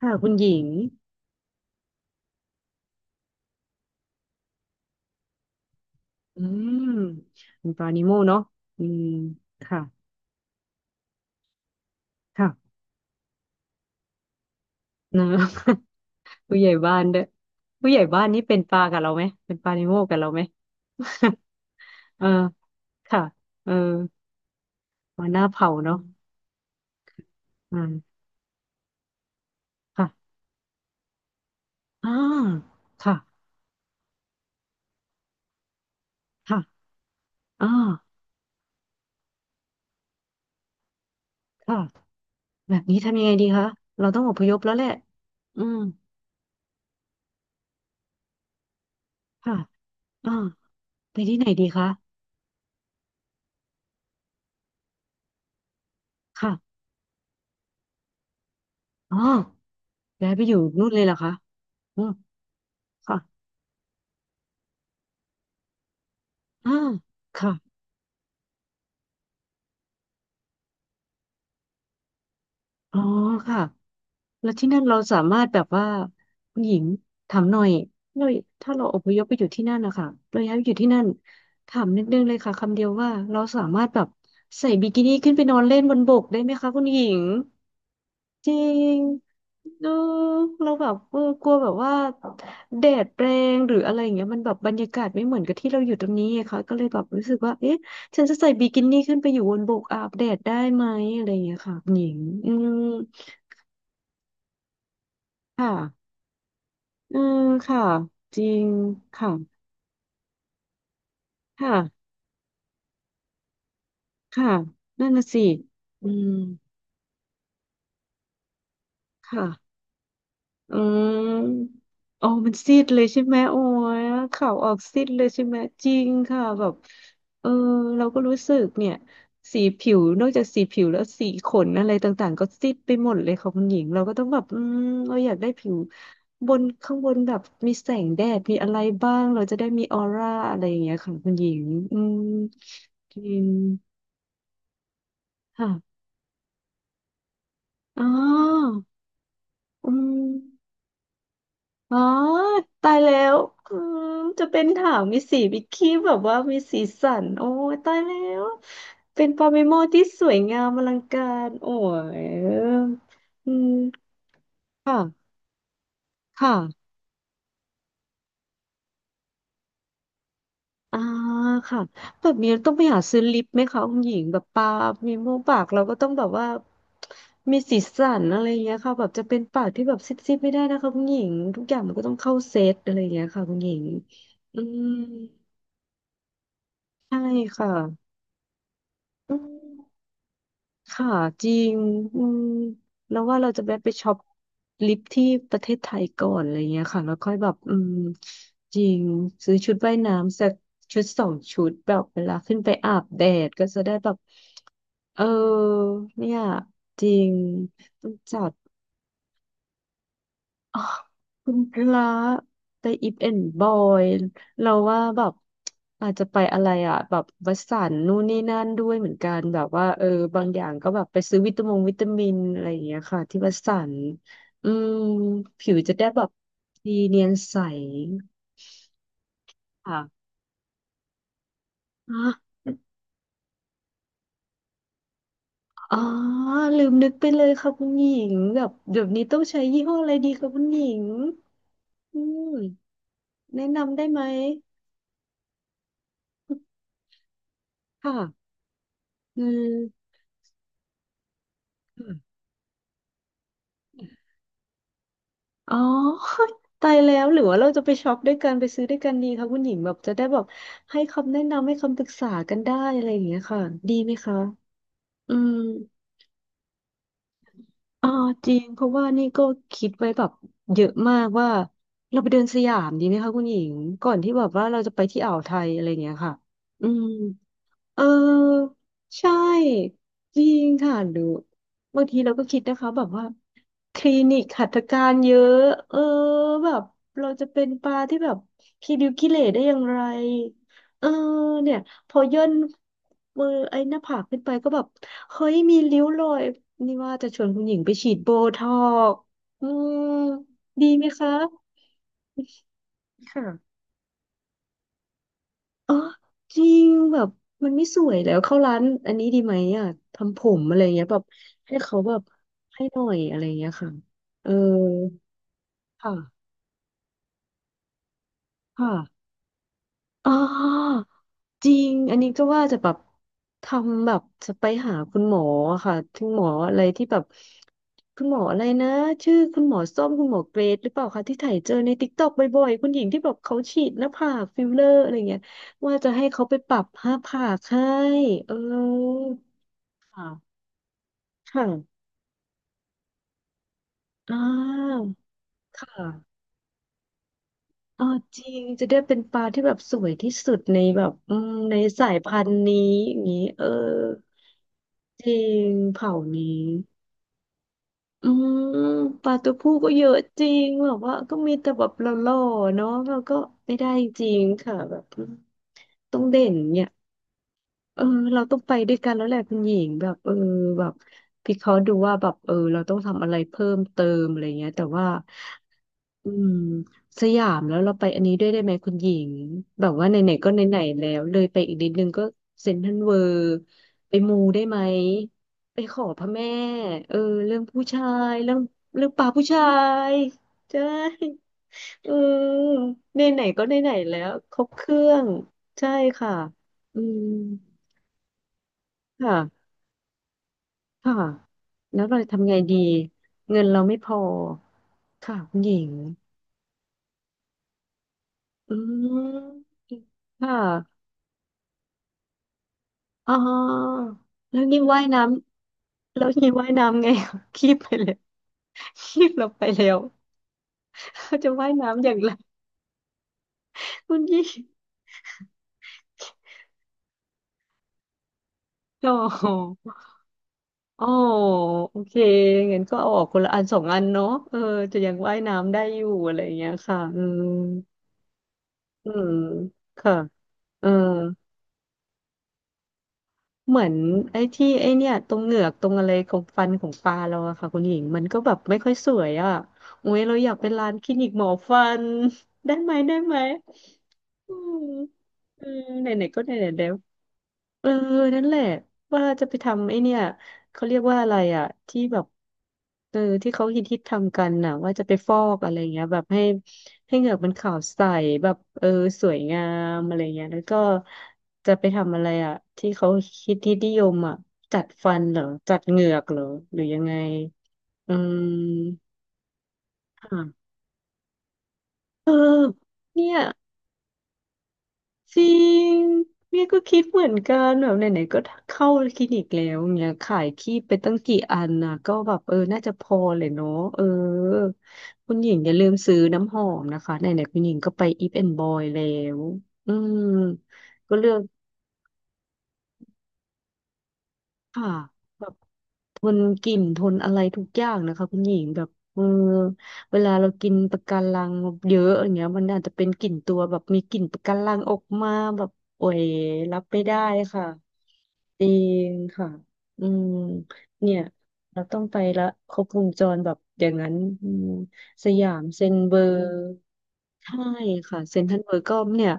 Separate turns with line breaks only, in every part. ค่ะคุณหญิงอืมคุณปรานิโมเนาะอืมค่ะค่ะนะ ผู้ใหญ่บ้านด้วยผู้ใหญ่บ้านนี่เป็นปลากับเราไหมเป็นปลานิโมกับเราไหม เออค่ะเออมาหน้าเผาเนาะอืมค่ะอ่าค่ะค่ะอ่าค่ะแบบนี้ทำยังไงดีคะเราต้องอพยพแล้วแหละอืมค่ะอ่าไปที่ไหนดีคะค่ะอ๋อย้ายไปอยู่นู่นเลยเหรอคะอืมค่ะ อ่าค่ะอ๋อค่ะ แล้วที่นั่นเราสามารถแบบว่าคุณหญิงถามหน่อยเราถ้าเราอพยพไปอยู่ที่นั่นนะคะเราย้ายไปอยู่ที่นั่นถามนิดนึงเลยค่ะคำเดียวว่าเราสามารถแบบใส่บิกินี่ขึ้นไปนอนเล่นบนบกได้ไหมคะคุณหญิงจริงเออเราแบบเออกลัวแบบว่าแดดแรงหรืออะไรอย่างเงี้ยมันแบบบรรยากาศไม่เหมือนกับที่เราอยู่ตรงนี้ไงคะก็เลยแบบรู้สึกว่าเอ๊ะฉันจะใส่บิกินี่ขึ้นไปอยู่บนบกอาบแดดได้ไหมอะไรอย่างเงี้ยค่ะคุณหญิงอืมค่ะ อืมค่ะจริงค่ะค่ะค่ะนั่นน่ะสิอืมค่ะอืมโอ้มันซีดเลยใช่ไหมโอ้ยข่าวออกซีดเลยใช่ไหมจริงค่ะแบบเออเราก็รู้สึกเนี่ยสีผิวนอกจากสีผิวแล้วสีขนอะไรต่างๆก็ซีดไปหมดเลยค่ะคุณหญิงเราก็ต้องแบบเราอยากได้ผิวบนข้างบนแบบมีแสงแดดมีอะไรบ้างเราจะได้มีออร่าอะไรอย่างเงี้ยค่ะคุณหญิงอืมจริง ค่ะอ๋ออืมอ๋อตายแล้วอืมจะเป็นถามมีสีบิกินี่แบบว่ามีสีสันโอ้ยตายแล้ว เป็นปาเมโมที่สวยงามอลังการ โอ้ยอืมค่ะค่ะ อ่าค่ะแบบนี้ต้องไปหาซื้อลิปไหมคะคุณหญิงแบบปามีมูกปากเราก็ต้องแบบว่ามีสีสันอะไรอย่างเงี้ยค่ะแบบจะเป็นปากที่แบบซิดๆไม่ได้นะคะคุณหญิงทุกอย่างมันก็ต้องเข้าเซตอะไรอย่างเงี้ยค่ะคุณหญิงอืมใช่ค่ะอืม ค่ะจริงอืมแล้วว่าเราจะแวะไปช็อปลิปที่ประเทศไทยก่อนอะไรเงี้ยค่ะแล้วค่อยแบบจริงซื้อชุดว่ายน้ำสักชุดสองชุดแบบเวลาขึ้นไปอาบแดดก็จะได้แบบเออเนี่ยจริงต้องจัด อ๋อคุณกระแต่อีฟแอนด์บอยเราว่าแบบอาจจะไปอะไรอ่ะแบบวัสสันนู่นนี่นั่นด้วยเหมือนกันแบบว่าเออบางอย่างก็แบบไปซื้อวิตามงวิตามินอะไรอย่างเงี้ยค่ะที่วัสสันอืมผิวจะได้แบบดีเนียนใสค่ะอ่ะอ๋อลืมนึกไปเลยค่ะคุณหญิงแบบเดี๋ยวนี้ต้องใช้ยี่ห้ออะไรดีคะคุณหญิงอืมแนะนำได้ไหมค่ะอืม อ๋อ ตายแล้วหรือว่าเราจะไปช็อปด้วยกันไปซื้อด้วยกันดีคะคุณหญิงแบบจะได้แบบให้คำแนะนำให้คำปรึกษากันได้อะไรอย่างเงี้ยค่ะดีไหมคะอืมอ๋อจริงเพราะว่านี่ก็คิดไว้แบบเยอะมากว่าเราไปเดินสยามดีไหมคะคุณหญิงก่อนที่แบบว่าเราจะไปที่อ่าวไทยอะไรอย่างเงี้ยค่ะอืม เออใช่จริงค่ะหรือบางทีเราก็คิดนะคะแบบว่าคลินิกหัตถการเยอะเออแบบเราจะเป็นปลาที่แบบขี้ริ้วขี้เหร่ได้อย่างไรเออเนี่ยพอย่นมือไอ้หน้าผากขึ้นไปก็แบบเฮ้ยมีริ้วรอยนี่ว่าจะชวนคุณหญิงไปฉีดโบท็อกซ์อืมดีไหมคะค่ะ อ๋อจริงแบบมันไม่สวยแล้วเข้าร้านอันนี้ดีไหมอ่ะทำผมอะไรเงี้ยแบบให้เขาแบบให้หน่อยอะไรเงี้ยค่ะเออค่ะค่ะอ๋อจริงอันนี้ก็ว่าจะแบบทำแบบจะไปหาคุณหมออะค่ะคุณหมออะไรที่แบบคุณหมออะไรนะชื่อคุณหมอส้มคุณหมอเกรดหรือเปล่าคะที่ถ่ายเจอในติ๊กต็อกบ่อยๆคุณหญิงที่แบบเขาฉีดหน้าผากฟิลเลอร์อะไรเงี้ยว่าจะให้เขาไปปรับหน้าผากให้เออ ค่ะค่ะอ่าค่ะเอ่าจริงจะได้เป็นปลาที่แบบสวยที่สุดในแบบในสายพันธุ์นี้อย่างนี้เออจริงเผ่านี้อืมปลาตัวผู้ก็เยอะจริงแบบว่าก็มีแต่แบบหล่อๆเนาะแล้วก็ไม่ได้จริงค่ะแบบต้องเด่นเนี่ยเออเราต้องไปด้วยกันแล้วแหละคุณหญิงแบบเออแบบพี่เขาะห์ดูว่าแบบเออเราต้องทำอะไรเพิ่มเติมอะไรเงี้ยแต่ว่า อืมสยามแล้วเราไปอันนี้ด้วยได้ไหมคุณหญิงแบบว่าไหนๆก็ไหนๆแล้วเลยไปอีกนิดนึงก็เซ็นทรัลเวิลด์ไปมูได้ไหมไปขอพระแม่เออเรื่องผู้ชายเรื่องปลาผู้ชายใช่เออไหนๆก็ไหนๆแล้วครบเครื่องใช่ค่ะอืมค่ะค่ะแล้วเราจะทำไงดีเงินเราไม่พอค่ะคุณหญิงอืมค่ะ อ๋อแล้วนี่ว่ายน้ำแล้วนี่ว่ายน้ำไง คีบไปเลยคีบเราไปแล้วเขาจะว่ายน้ำอย่างไรคุณยี่โอ้โหอ๋อโอเคงั้นก็เอาออกคนละอันสองอันเนาะจะยังว่ายน้ำได้อยู่อะไรอย่างเงี้ยค่ะอืมอืมค่ะเออ เหมือนไอ้เนี่ยตรงเหงือกตรงอะไรของฟันของปลาเราอะค่ะคุณหญิงมันก็แบบไม่ค่อยสวยอะโอ้ยเราอยากเป็นร้านคลินิกหมอฟัน ได้ไหมได้ไหมอืมอืมไหนๆก็ไหนๆแล้ว เออนั่นแหละว่าจะไปทำไอเนี่ยเขาเรียกว่าอะไรอ่ะที่แบบที่เขาฮิตฮิตทำกันน่ะว่าจะไปฟอกอะไรเงี้ยแบบให้ให้เหงือกมันขาวใสแบบสวยงามอะไรเงี้ยแล้วก็จะไปทำอะไรอ่ะที่เขาฮิตฮิตนิยมอ่ะจัดฟันเหรอจัดเหงือกเหรอหรือยังไงอืมค่ะเออเนี่ย จริงเนี่ยก็คิดเหมือนกันแบบไหนๆก็เข้าคลินิกแล้วเนี่ยขายครีมไปตั้งกี่อันนะก็แบบน่าจะพอเลยเนาะเออคุณหญิงอย่าลืมซื้อน้ำหอมนะคะไหนๆคุณหญิงก็ไปอีฟแอนด์บอยแล้วอืมก็เลือกค่ะ ทนกลิ่นทนอะไรทุกอย่างนะคะคุณหญิงแบบเวลาเรากินปะการังเยอะอย่างเงี้ยมันอาจจะเป็นกลิ่นตัวแบบมีกลิ่นปะการังออกมาแบบโอ้ยรับไม่ได้ค่ะจริงค่ะอืมเนี่ยเราต้องไปละครบวงจรแบบอย่างนั้นอืมสยามเซ็นเบอร์ ใช่ค่ะเซ็นทรัลเวิลด์ก็เนี่ย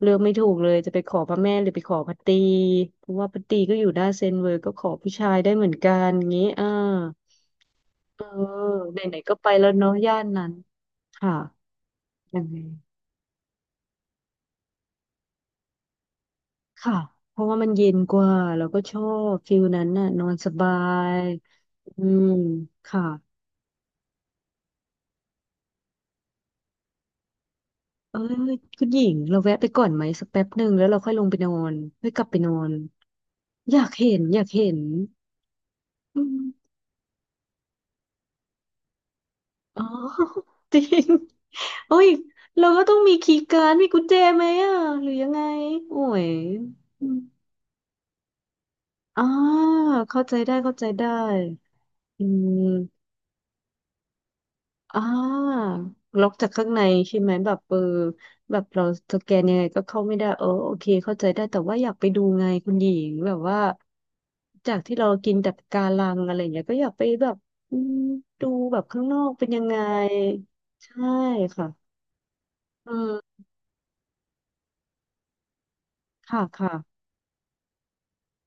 เลือกไม่ถูกเลยจะไปขอพระแม่หรือไปขอพระตรีเพราะว่าพระตรีก็อยู่หน้านเซ็นเวิลด์ก็ขอผู้ชายได้เหมือนกันงี้อ่าเออไหนๆก็ไปแล้วเนาะย่านนั้นค่ะยังไงค่ะเพราะว่ามันเย็นกว่าแล้วก็ชอบฟิลนั้นน่ะนอนสบายอืมค่ะเอ้ยคุณหญิงเราแวะไปก่อนไหมสักแป๊บหนึ่งแล้วเราค่อยลงไปนอนค่อยกลับไปนอนอยากเห็นอยากเห็นอืม อ๋อ จริงโอ้ยเราก็ต้องมีคีย์การ์ดมีกุญแจไหมอ่ะหรือยังไงโอ้ยอมอ่าเข้าใจได้เข้าใจได้อืมอ่าล็อกจากข้างในใช่ไหมแบบแบบเราสแกนยังไงก็เข้าไม่ได้เออโอเคเข้าใจได้แต่ว่าอยากไปดูไงคุณหญิงแบบว่าจากที่เรากินแต่ปะการังอะไรอย่างเงี้ยก็อยากไปแบบอืมดูแบบข้างนอกเป็นยังไงใช่ค่ะอืมค่ะค่ะ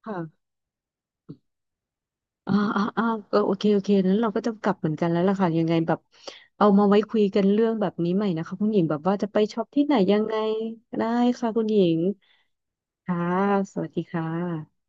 ค่ะอ่าอ่าอ่าก็โอเค โอเคนั้นเราก็ต้องกลับเหมือนกันแล้วล่ะค่ะ ยังไงแบบเอามาไว้คุยกันเรื่องแบบนี้ใหม่นะคะคุณหญิงแบบว่าจะไปช็อปที่ไหนยังไงได้ค่ะคุณหญิงค่ะสวัสดีค่ะ